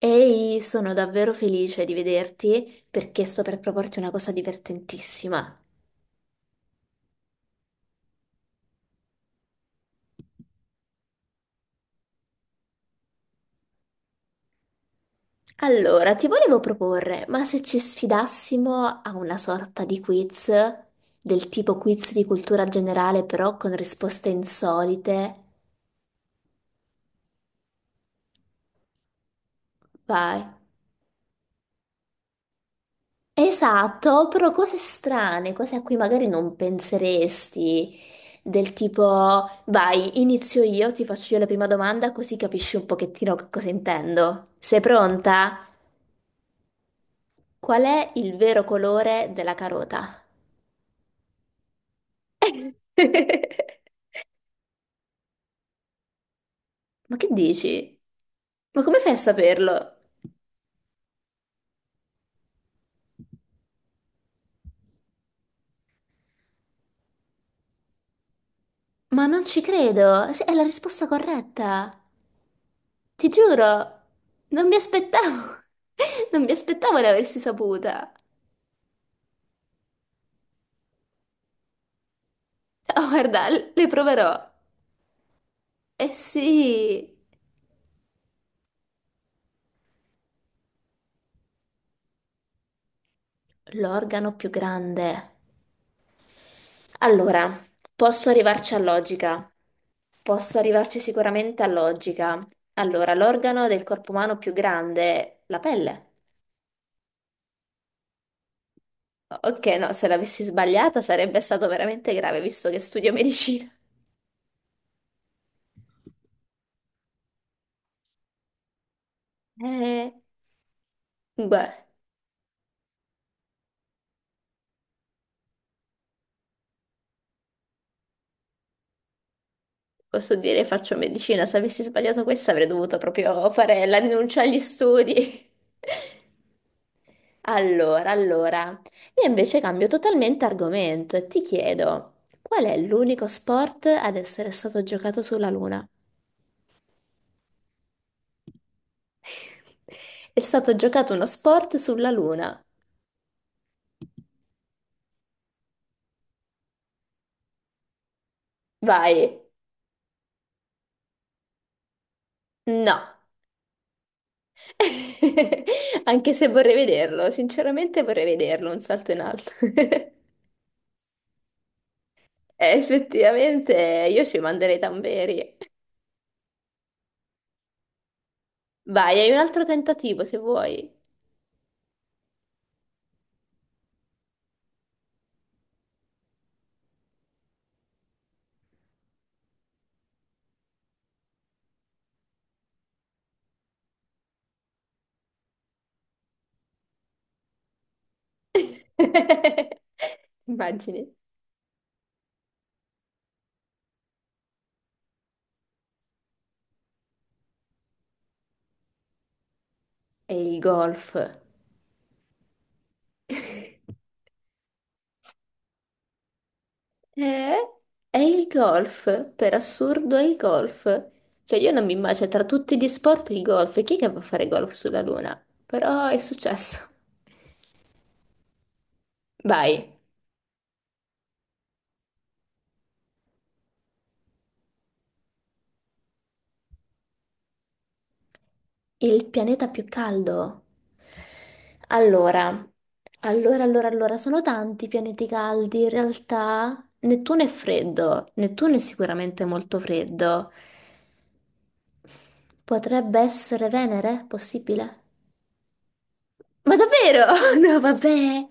Ehi, sono davvero felice di vederti perché sto per proporti una cosa divertentissima. Allora, ti volevo proporre, ma se ci sfidassimo a una sorta di quiz, del tipo quiz di cultura generale, però con risposte insolite? Vai. Esatto, però cose strane, cose a cui magari non penseresti, del tipo, vai, inizio io, ti faccio io la prima domanda così capisci un pochettino che cosa intendo. Sei pronta? Qual è il vero colore della carota? Ma che dici? Ma come fai a saperlo? Ma non ci credo, sì, è la risposta corretta. Ti giuro, non mi aspettavo, non mi aspettavo di aversi saputa. Oh, guarda, le proverò. Eh sì, l'organo più grande. Allora, posso arrivarci a logica, posso arrivarci sicuramente a logica. Allora, l'organo del corpo umano più grande è la pelle. Ok, no, se l'avessi sbagliata sarebbe stato veramente grave, visto che studio medicina. Eh, beh, posso dire faccio medicina, se avessi sbagliato questa avrei dovuto proprio fare la rinuncia agli studi. Allora, io invece cambio totalmente argomento e ti chiedo, qual è l'unico sport ad essere stato giocato sulla Luna? È stato giocato uno sport sulla Luna. Vai. No. Anche se vorrei vederlo, sinceramente vorrei vederlo, un salto in alto. Effettivamente io ci manderei i tamberi. Vai, hai un altro tentativo se vuoi. Immagini. E il golf. È, è il golf, per assurdo è il golf. Cioè io non mi immagino tra tutti gli sport il golf, chi è che va a fare golf sulla Luna? Però è successo. Vai, il pianeta più caldo. Allora, allora, sono tanti i pianeti caldi, in realtà Nettuno è freddo, Nettuno è sicuramente molto freddo. Potrebbe essere Venere? Possibile? Ma davvero? No, vabbè.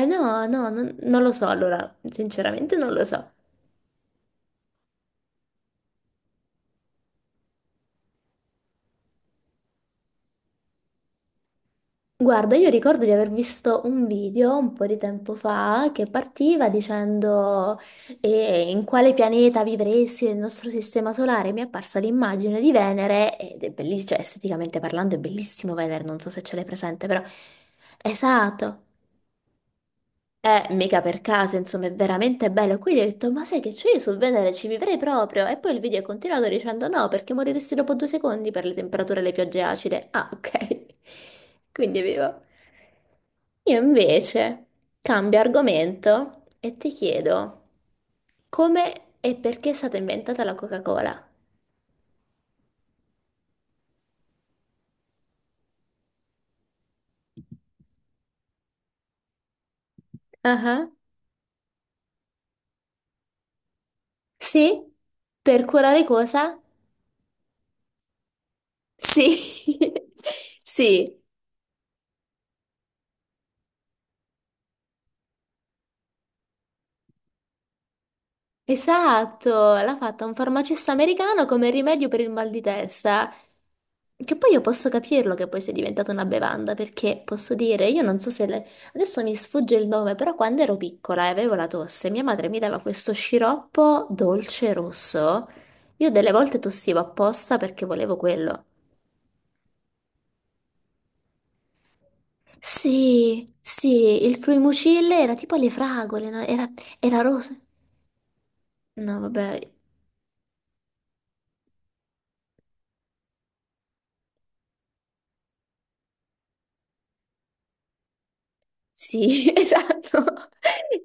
Eh no, no, non lo so, allora, sinceramente non lo so. Guarda, io ricordo di aver visto un video un po' di tempo fa che partiva dicendo in quale pianeta vivresti nel nostro sistema solare. Mi è apparsa l'immagine di Venere ed è bellissimo, cioè esteticamente parlando è bellissimo Venere, non so se ce l'hai presente, però... Esatto, eh, mica per caso, insomma, è veramente bello. Quindi ho detto, ma sai che c'è io sul Venere, ci vivrei proprio. E poi il video è continuato dicendo no, perché moriresti dopo 2 secondi per le temperature e le piogge acide. Ah, ok. Quindi vivo. Io invece cambio argomento e ti chiedo come e perché è stata inventata la Coca-Cola? Ah, ah. Sì? Per curare cosa? Sì. Sì. Esatto, l'ha fatta un farmacista americano come rimedio per il mal di testa. Che poi io posso capirlo che poi sia diventata una bevanda, perché posso dire, io non so se adesso mi sfugge il nome, però quando ero piccola e avevo la tosse, mia madre mi dava questo sciroppo dolce rosso. Io delle volte tossivo apposta perché volevo quello. Sì, sì, il Fluimucil era tipo alle fragole, no? Era, era rosa. No, vabbè, sì, esatto,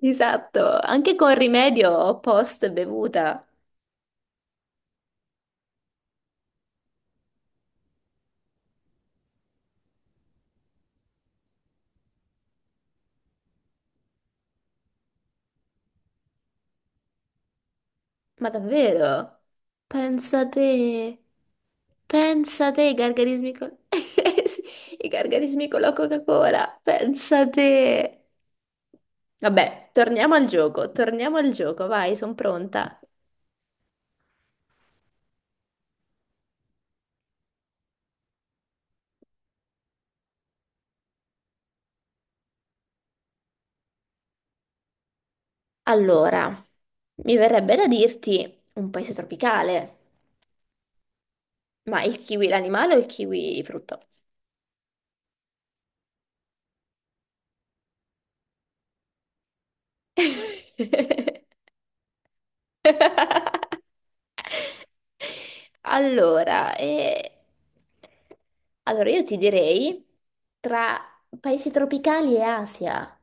esatto, anche con rimedio post bevuta. Ma davvero? Pensa te, pensa te i gargarismi con... i gargarismi con la Coca-Cola, pensa te. Vabbè, torniamo al gioco, vai, sono pronta. Allora, mi verrebbe da dirti un paese tropicale, ma il kiwi l'animale o il kiwi frutto? Allora, allora, io ti direi tra paesi tropicali e Asia,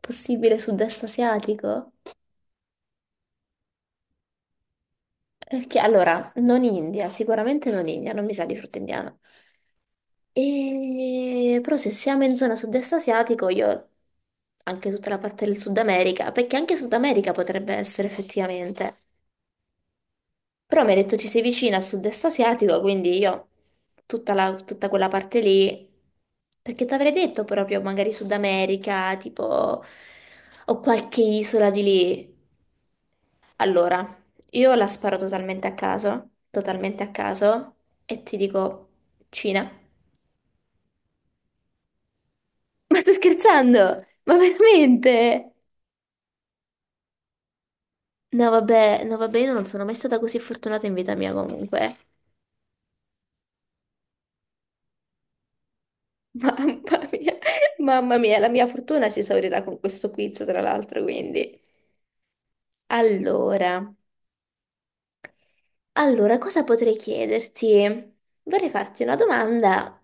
possibile sud-est asiatico? Perché allora, non India, sicuramente non India, non mi sa di frutto indiano. Però se siamo in zona sud-est asiatico, io anche tutta la parte del Sud America, perché anche Sud America potrebbe essere effettivamente. Però mi ha detto ci sei vicina al sud-est asiatico, quindi io tutta, tutta quella parte lì, perché ti avrei detto proprio magari Sud America, tipo, o qualche isola di lì. Allora, io la sparo totalmente a caso, e ti dico Cina. Ma sto scherzando? Ma veramente? No, vabbè, no, vabbè, io non sono mai stata così fortunata in vita mia comunque. Mamma mia, mamma mia, la mia fortuna si esaurirà con questo quiz, tra l'altro, quindi. Allora, allora, cosa potrei chiederti? Vorrei farti una domanda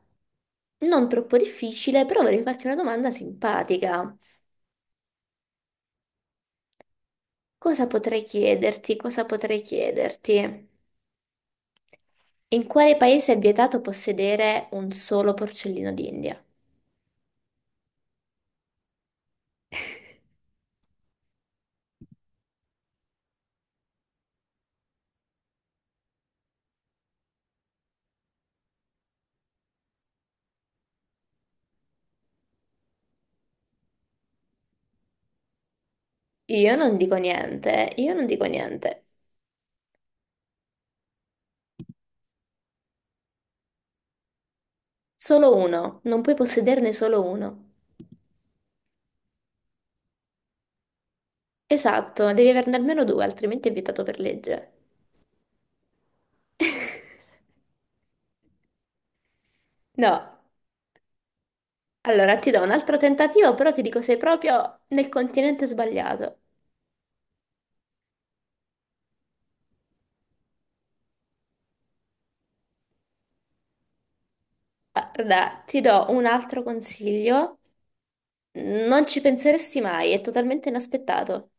non troppo difficile, però vorrei farti una domanda simpatica. Cosa potrei chiederti? Cosa potrei chiederti? In quale paese è vietato possedere un solo porcellino d'India? Io non dico niente, io non dico niente. Solo uno, non puoi possederne solo uno. Esatto, devi averne almeno due, altrimenti è vietato per legge. No, allora ti do un altro tentativo, però ti dico sei proprio nel continente sbagliato. Ah, guarda, ti do un altro consiglio, non ci penseresti mai, è totalmente inaspettato.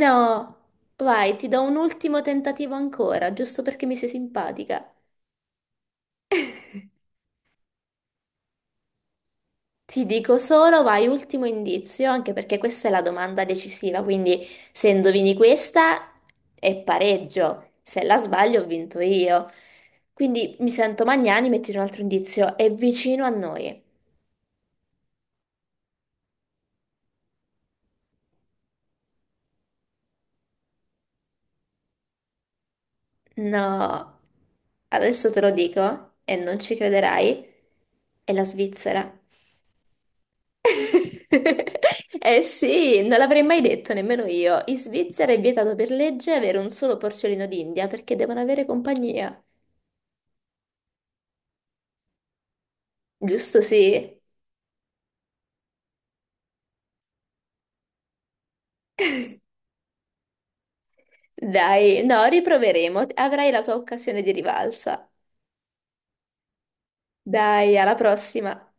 No, vai, ti do un ultimo tentativo ancora, giusto perché mi sei simpatica. Ti dico solo, vai ultimo indizio, anche perché questa è la domanda decisiva, quindi se indovini questa è pareggio, se la sbaglio ho vinto io. Quindi mi sento Magnani, metti un altro indizio, è vicino a noi. No, adesso te lo dico e non ci crederai, è la Svizzera. Eh sì, non l'avrei mai detto nemmeno io. In Svizzera è vietato per legge avere un solo porcellino d'India perché devono avere compagnia. Giusto, sì. Dai, no, riproveremo. Avrai la tua occasione di rivalsa. Dai, alla prossima.